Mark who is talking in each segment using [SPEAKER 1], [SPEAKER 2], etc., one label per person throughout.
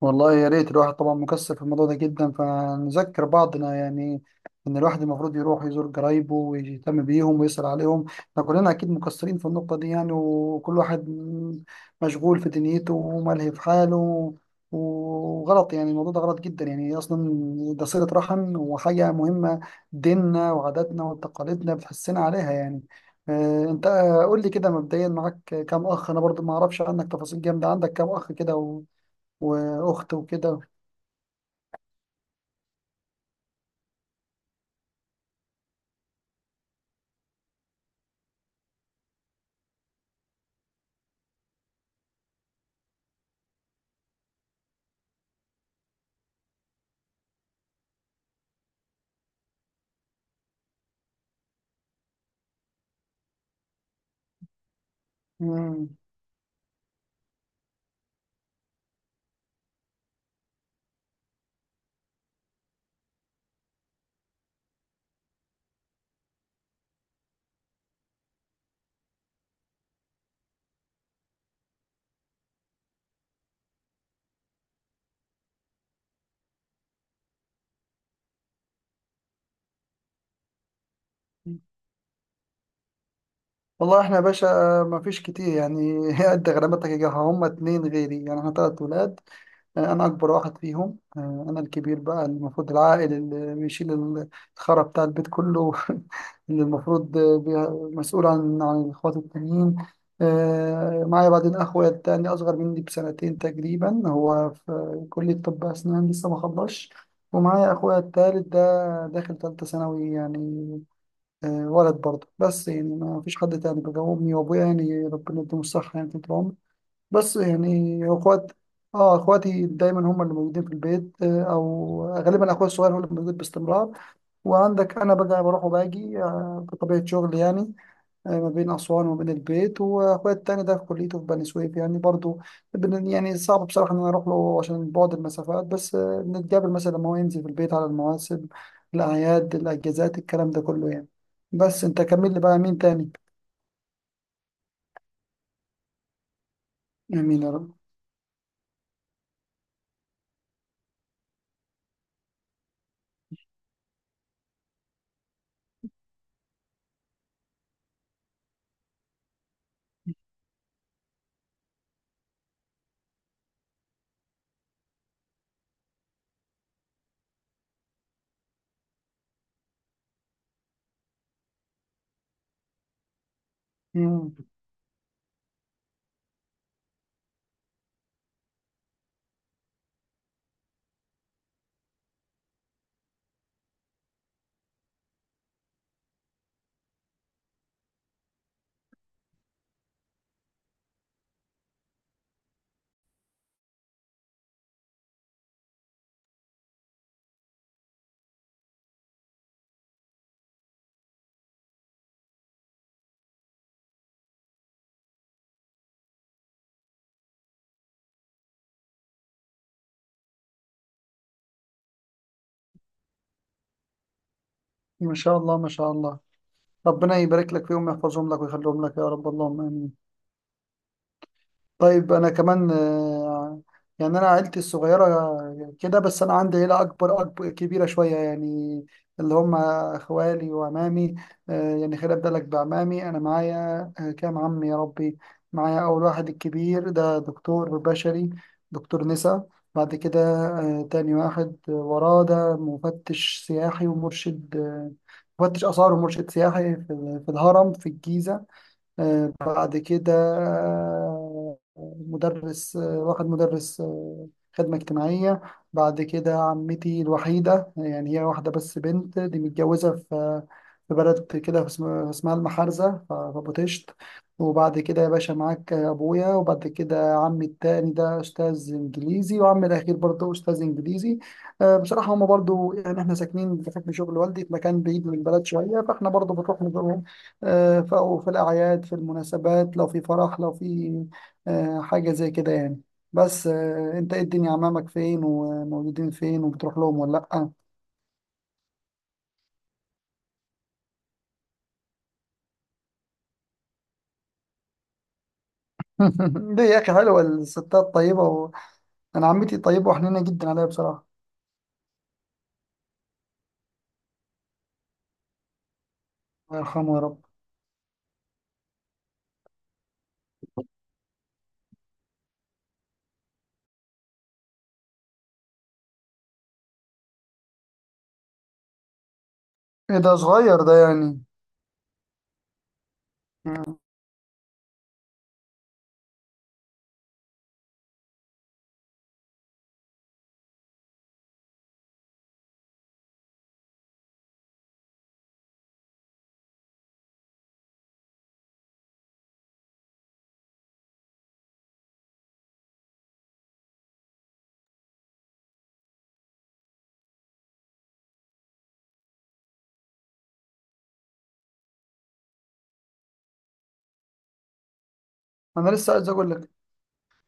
[SPEAKER 1] والله يا ريت الواحد طبعا مكسر في الموضوع ده جدا، فنذكر بعضنا يعني ان الواحد المفروض يروح يزور قرايبه ويهتم بيهم ويسأل عليهم. احنا كلنا اكيد مكسرين في النقطة دي يعني، وكل واحد مشغول في دنيته وملهي في حاله. وغلط يعني الموضوع ده غلط جدا يعني اصلا، ده صلة رحم وحاجة مهمة. ديننا وعاداتنا وتقاليدنا بتحسنا عليها يعني. انت قول لي كده، مبدئيا معاك كام اخ؟ انا برضو ما اعرفش عنك تفاصيل جامدة. عندك كام اخ كده واخت وكده؟ مم. والله احنا يا باشا ما فيش كتير يعني. قد غرامتك يا جماعة، هم اتنين غيري يعني، احنا تلات ولاد. انا اكبر واحد فيهم. انا الكبير بقى المفروض العائل اللي بيشيل الخرا بتاع البيت كله. اللي المفروض مسؤول عن الاخوات التانيين. معايا بعدين اخويا التاني اصغر مني بسنتين تقريبا، هو في كلية طب اسنان لسه ما خلصش. ومعايا اخويا التالت ده داخل تالتة ثانوي يعني. ولد برضه، بس يعني ما فيش حد تاني بقى. امي وابويا يعني ربنا يديهم الصحه يعني طول العمر. بس يعني اخوات، اه اخواتي دايما هم اللي موجودين في البيت. او غالبا اخويا الصغير هو اللي موجود باستمرار. وعندك انا بقى بروح وباجي بطبيعه شغلي يعني. ما بين أسوان وبين البيت، وأخويا التاني ده في كليته في بني سويف يعني برضو. يعني صعب بصراحة إن أنا أروح له عشان بعد المسافات، بس بنتقابل مثلا لما هو ينزل في البيت على المواسم، الأعياد، الأجازات، الكلام ده كله يعني. بس أنت كمل لي بقى، مين تاني؟ آمين يا رب. مم. ما شاء الله، ما شاء الله. ربنا يبارك لك فيهم ويحفظهم لك ويخليهم لك يا رب، اللهم آمين. طيب انا كمان يعني انا عيلتي الصغيره كده بس. انا عندي عيله اكبر، اكبر كبيره شويه يعني، اللي هم اخوالي وعمامي. يعني خلي بالك بعمامي. انا معايا كام عم يا ربي؟ معايا اول واحد الكبير ده دكتور بشري، دكتور نسا. بعد كده تاني واحد وراه ده مفتش سياحي ومرشد، مفتش آثار ومرشد سياحي في الهرم في الجيزة. بعد كده آه، مدرس، واحد مدرس خدمة اجتماعية. بعد كده عمتي الوحيدة يعني، هي واحدة بس بنت، دي متجوزة في بلد كده اسمها المحارزة، في أبو طشت. وبعد كده يا باشا معاك أبويا، وبعد كده عمي التاني ده أستاذ إنجليزي، وعمي الأخير برضه أستاذ إنجليزي. بصراحة هما برضه يعني إحنا ساكنين بحكم شغل والدي في مكان بعيد من البلد شوية، فإحنا برضه بنروح أو في الأعياد، في المناسبات، لو في فرح، لو في حاجة زي كده يعني. بس أنت إيه الدنيا، عمامك فين وموجودين فين، وبتروح لهم ولا لأ؟ ليه يا أخي؟ حلوة الستات طيبة. أنا عمتي طيبة وحنينة جدا عليا بصراحة. الله يرحمه يا رب. إيه ده صغير ده يعني؟ مم. أنا لسه عايز أقول لك،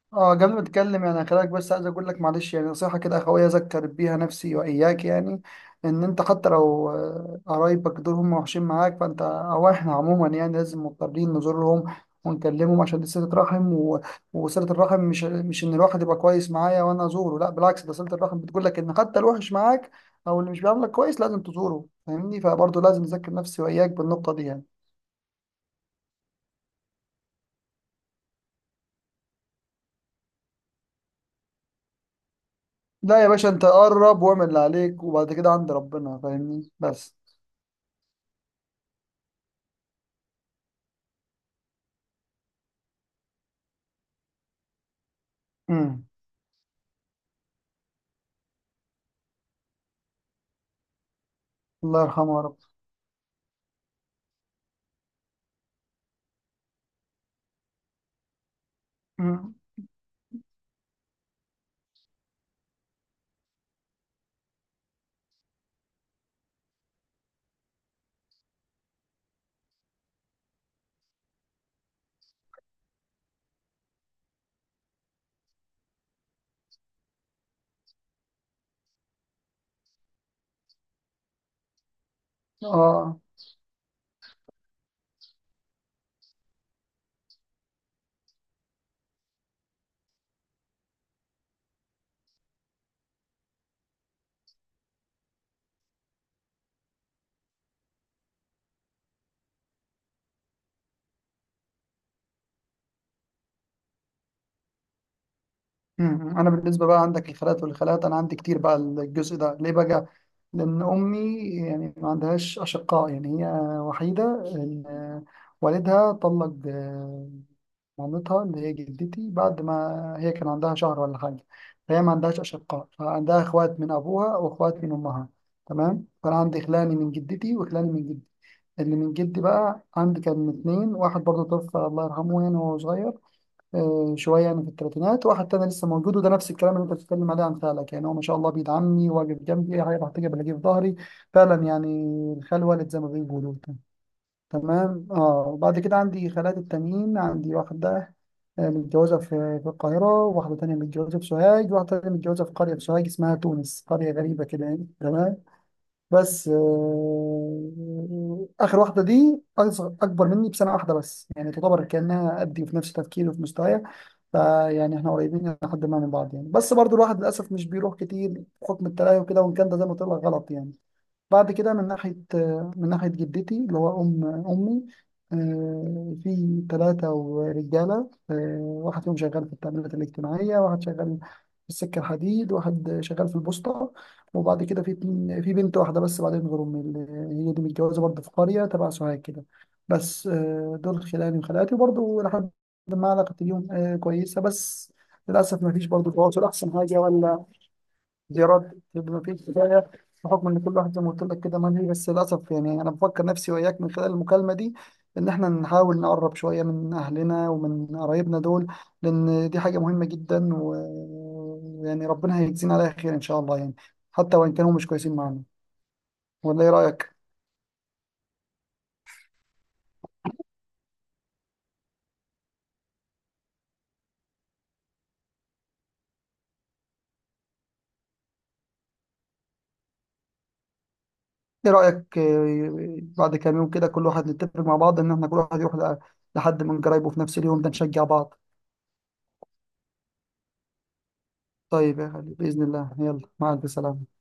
[SPEAKER 1] اه قبل ما اتكلم يعني، خليك بس، عايز اقول لك معلش يعني نصيحه كده اخويه، اذكر بيها نفسي واياك يعني ان انت حتى لو قرايبك دول هم وحشين معاك، فانت او احنا عموما يعني لازم مضطرين نزورهم ونكلمهم عشان دي صله رحم وصله الرحم مش ان الواحد يبقى كويس معايا وانا ازوره، لا بالعكس، ده صله الرحم بتقول لك ان حتى الوحش معاك او اللي مش بيعاملك كويس لازم تزوره، فاهمني؟ فبرضه لازم اذكر نفسي واياك بالنقطه دي يعني. لا يا باشا، انت قرب واعمل اللي عليك وبعد كده عند ربنا، فاهمني؟ بس. مم. الله يرحمه يا رب. مم. اه. مم. انا بالنسبه بقى عندك الخالات والخالات، انا عندي كتير بقى. الجزء ده ليه بقى؟ لان امي يعني ما عندهاش اشقاء يعني، هي وحيده. إن والدها طلق مامتها اللي هي جدتي بعد ما هي كان عندها شهر ولا حاجه. فهي ما عندهاش اشقاء، فعندها اخوات من ابوها واخوات من امها، تمام. فانا عندي خلاني من جدتي وخلاني من جدي. اللي من جدي بقى عندي كان اتنين، واحد برضه توفى الله يرحمه يعني وهو صغير شويه يعني في الثلاثينات، واحد تاني لسه موجود، وده نفس الكلام اللي انت بتتكلم عليه عن خالك يعني، هو ما شاء الله بيدعمني واقف جنبي، اي حاجه بحتاجها بلاقيه في ظهري. فعلا يعني. الخال والد زي ما بيقولوا. تمام. اه وبعد كده عندي خالات التانيين، عندي واحده متجوزه في القاهره، واحده تانية متجوزه في سوهاج، واحده تانية متجوزه في قريه في سوهاج اسمها تونس، قريه غريبه كده يعني تمام. بس اخر واحده دي أصغر، اكبر مني بسنه واحده بس يعني، تعتبر كانها قدي في نفس تفكيري وفي مستوايا. فيعني احنا قريبين لحد ما من بعض يعني، بس برضو الواحد للاسف مش بيروح كتير بحكم التلاهي وكده، وان كان ده زي ما قلت لك غلط يعني. بعد كده من ناحية جدتي اللي هو أم أمي. في ثلاثة رجالة، واحد فيهم شغال في التأمينات الاجتماعية، واحد شغال في السكة الحديد، واحد شغال في البوسطة. وبعد كده في في بنت واحدة بس بعدين غير أمي، اللي هي دي متجوزة برضه في قرية تبع سوهاج كده. بس دول خلاني وخالاتي وبرضه لحد ما علاقتي بيهم كويسة، بس للأسف ما فيش برضه تواصل أحسن حاجة ولا زيارات، يبقى مفيش كفايه بحكم ان كل واحد زي ما قلت لك كده ملهي. بس للاسف يعني انا بفكر نفسي واياك من خلال المكالمه دي ان احنا نحاول نقرب شويه من اهلنا ومن قرايبنا دول، لان دي حاجه مهمه جدا ويعني ربنا هيجزينا عليها خير ان شاء الله يعني، حتى وان كانوا مش كويسين معانا. ولا ايه رايك؟ ايه رايك بعد كام يوم كده كل واحد نتفق مع بعض ان احنا كل واحد يروح لحد من قرايبه في نفس اليوم ده، نشجع بعض. طيب يا غالي، باذن الله يلا مع الف سلامه.